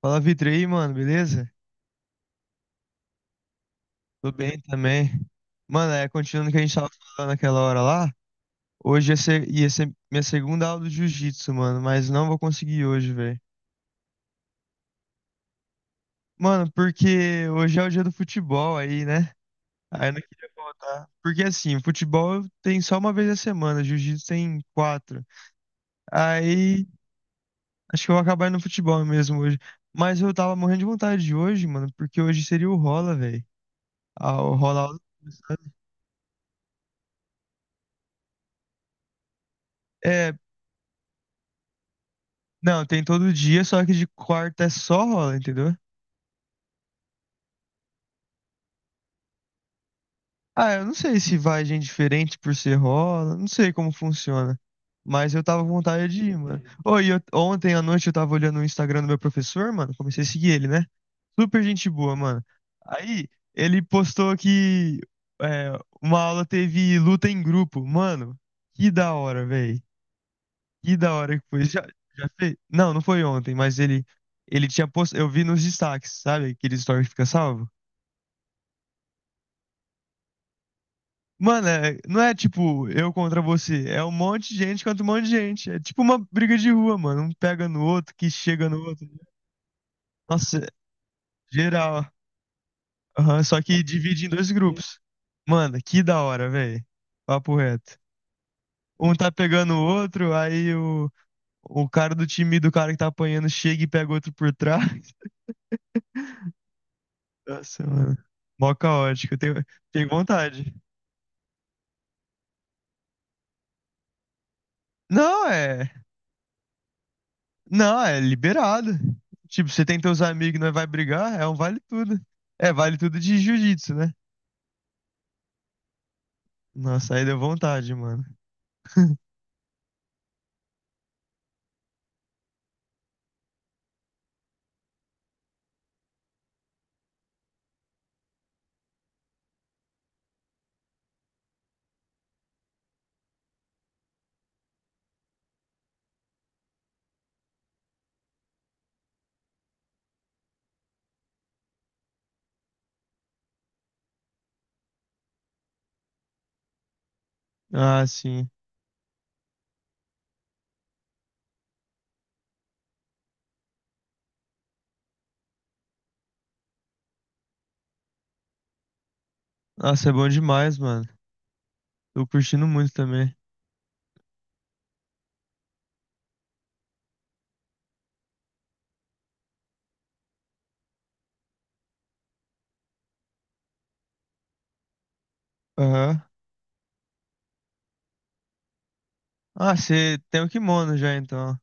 Fala, Vitor, e aí, mano, beleza? Tô bem também. Mano, continuando o que a gente tava falando naquela hora lá, ia ser minha segunda aula do jiu-jitsu, mano, mas não vou conseguir hoje, velho. Mano, porque hoje é o dia do futebol aí, né? Aí eu não queria faltar. Porque assim, futebol tem só uma vez a semana, jiu-jitsu tem quatro. Aí acho que eu vou acabar indo no futebol mesmo hoje. Mas eu tava morrendo de vontade de hoje, mano, porque hoje seria o rola, velho. Ah, o rola. É. Não, tem todo dia, só que de quarta é só rola, entendeu? Ah, eu não sei se vai gente diferente por ser rola, não sei como funciona. Mas eu tava com vontade de ir, mano. Ô, ontem à noite eu tava olhando o Instagram do meu professor, mano. Comecei a seguir ele, né? Super gente boa, mano. Aí, ele postou que é, uma aula teve luta em grupo. Mano, que da hora, velho. Que da hora que foi. Já, já fez? Não, não foi ontem, mas ele tinha postado. Eu vi nos destaques, sabe? Aqueles stories que fica salvo. Mano, não é tipo eu contra você, é um monte de gente contra um monte de gente. É tipo uma briga de rua, mano. Um pega no outro, que chega no outro. Nossa, geral. Aham, só que divide em 2 grupos. Mano, que da hora, velho. Papo reto. Um tá pegando o outro, o cara do time do cara que tá apanhando chega e pega o outro por trás. Nossa, mano. Mó caótico. Tenho vontade. Não, é. Não, é liberado. Tipo, você tem teus amigos e não vai brigar, é um vale tudo. É, vale tudo de jiu-jitsu, né? Nossa, aí deu vontade, mano. Ah, sim. Nossa, é bom demais, mano. Tô curtindo muito também. Aham. Ah, você tem o kimono já, então.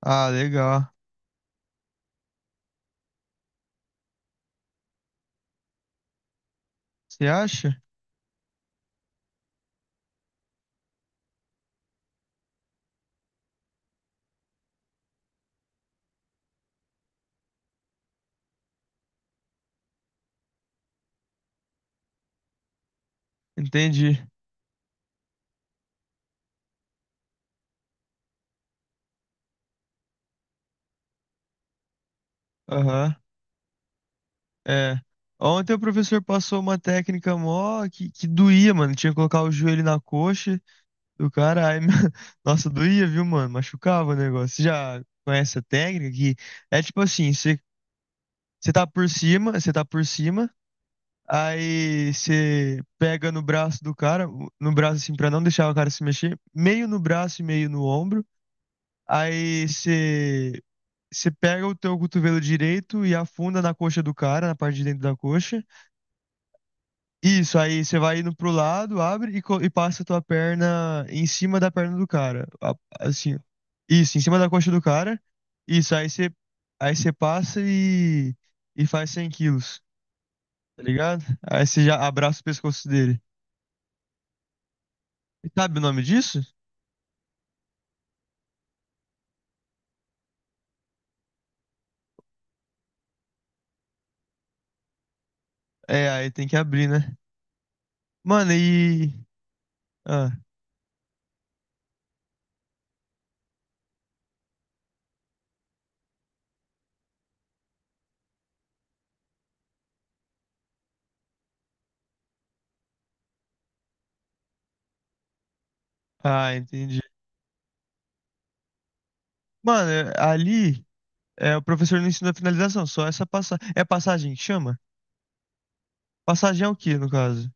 Ah, legal. Você acha? Entendi. Aham. É. Ontem o professor passou uma técnica mó que doía, mano. Tinha que colocar o joelho na coxa do caralho. Nossa, doía, viu, mano? Machucava o negócio. Você já conhece a técnica que é tipo assim, você tá por cima, aí você pega no braço do cara, no braço assim, pra não deixar o cara se mexer, meio no braço e meio no ombro, aí você, você pega o teu cotovelo direito e afunda na coxa do cara, na parte de dentro da coxa. Isso, aí você vai indo pro lado, abre e passa a tua perna em cima da perna do cara. Assim, isso, em cima da coxa do cara. Isso, aí você, aí você passa e faz 100 quilos, tá ligado? Aí você já abraça o pescoço dele. E sabe o nome disso? É, aí tem que abrir, né? Mano, e. Ah, ah, entendi. Mano, ali é, o professor não ensina a finalização, só essa passagem. É passagem que chama? Passagem é o quê, no caso?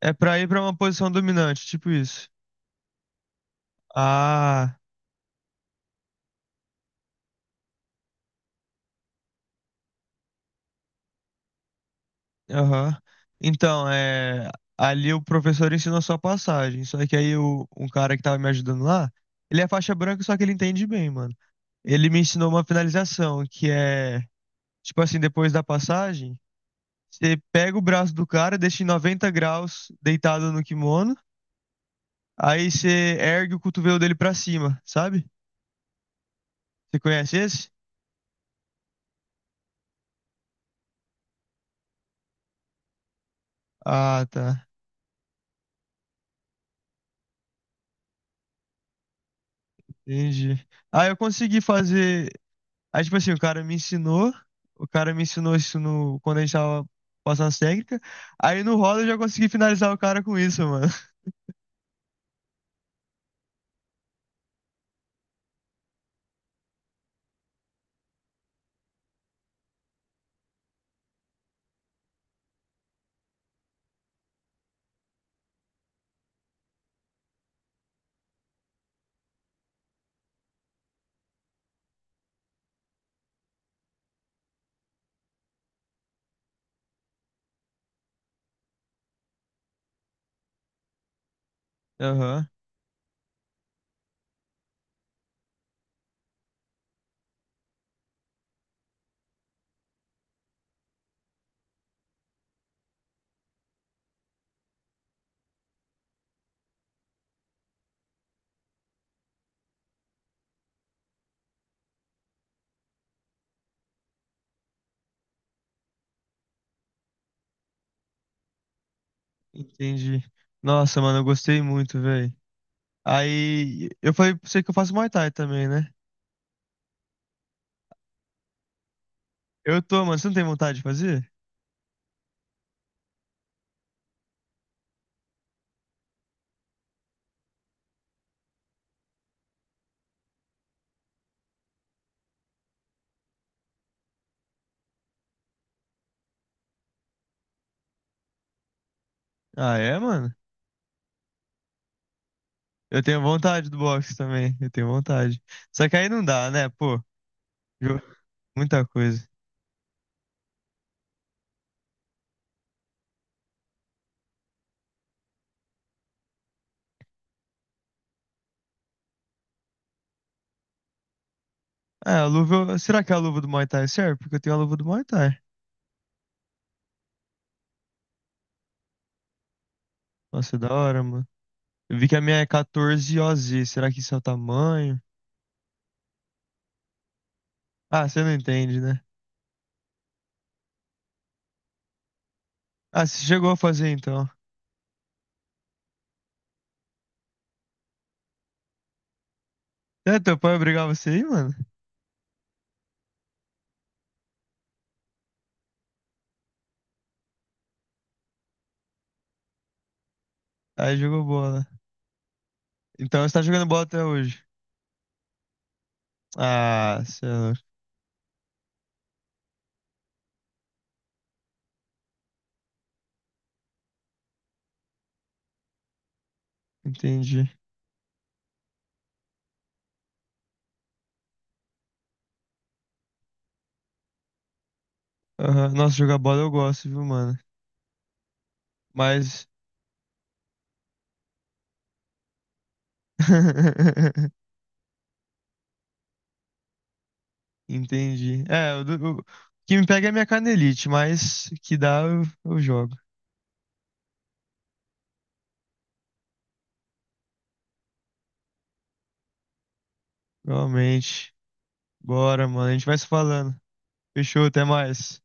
É pra ir pra uma posição dominante, tipo isso. Ah, aham. Então, é. Ali o professor ensina só passagem. Só que um cara que tava me ajudando lá, ele é faixa branca, só que ele entende bem, mano. Ele me ensinou uma finalização, que é, tipo assim, depois da passagem, você pega o braço do cara, deixa em 90 graus deitado no kimono, aí você ergue o cotovelo dele pra cima, sabe? Você conhece esse? Ah, tá. Entendi. Ah, eu consegui fazer. Aí, tipo assim, o cara me ensinou isso no, quando a gente tava passando as técnicas. Aí no roda eu já consegui finalizar o cara com isso, mano. Aham, entendi. Nossa, mano, eu gostei muito, velho. Aí eu falei pra você que eu faço Muay Thai também, né? Eu tô, mano, você não tem vontade de fazer? Ah, é, mano? Eu tenho vontade do boxe também, eu tenho vontade. Só que aí não dá, né, pô? Ju- Muita coisa. Ah, a luva. Será que a luva do Muay Thai serve? Porque eu tenho a luva do Muay Thai. Nossa, é da hora, mano. Eu vi que a minha é 14 OZ. Será que isso é o tamanho? Ah, você não entende, né? Ah, você chegou a fazer então. É, teu pai obrigava você aí, mano? Aí jogou bola. Então você tá jogando bola até hoje. Ah, senhor. Entendi. Aham. Nossa, jogar bola eu gosto, viu, mano? Mas. Entendi. O que me pega é a minha canelite, mas que dá eu jogo. Realmente. Bora, mano. A gente vai se falando. Fechou, até mais.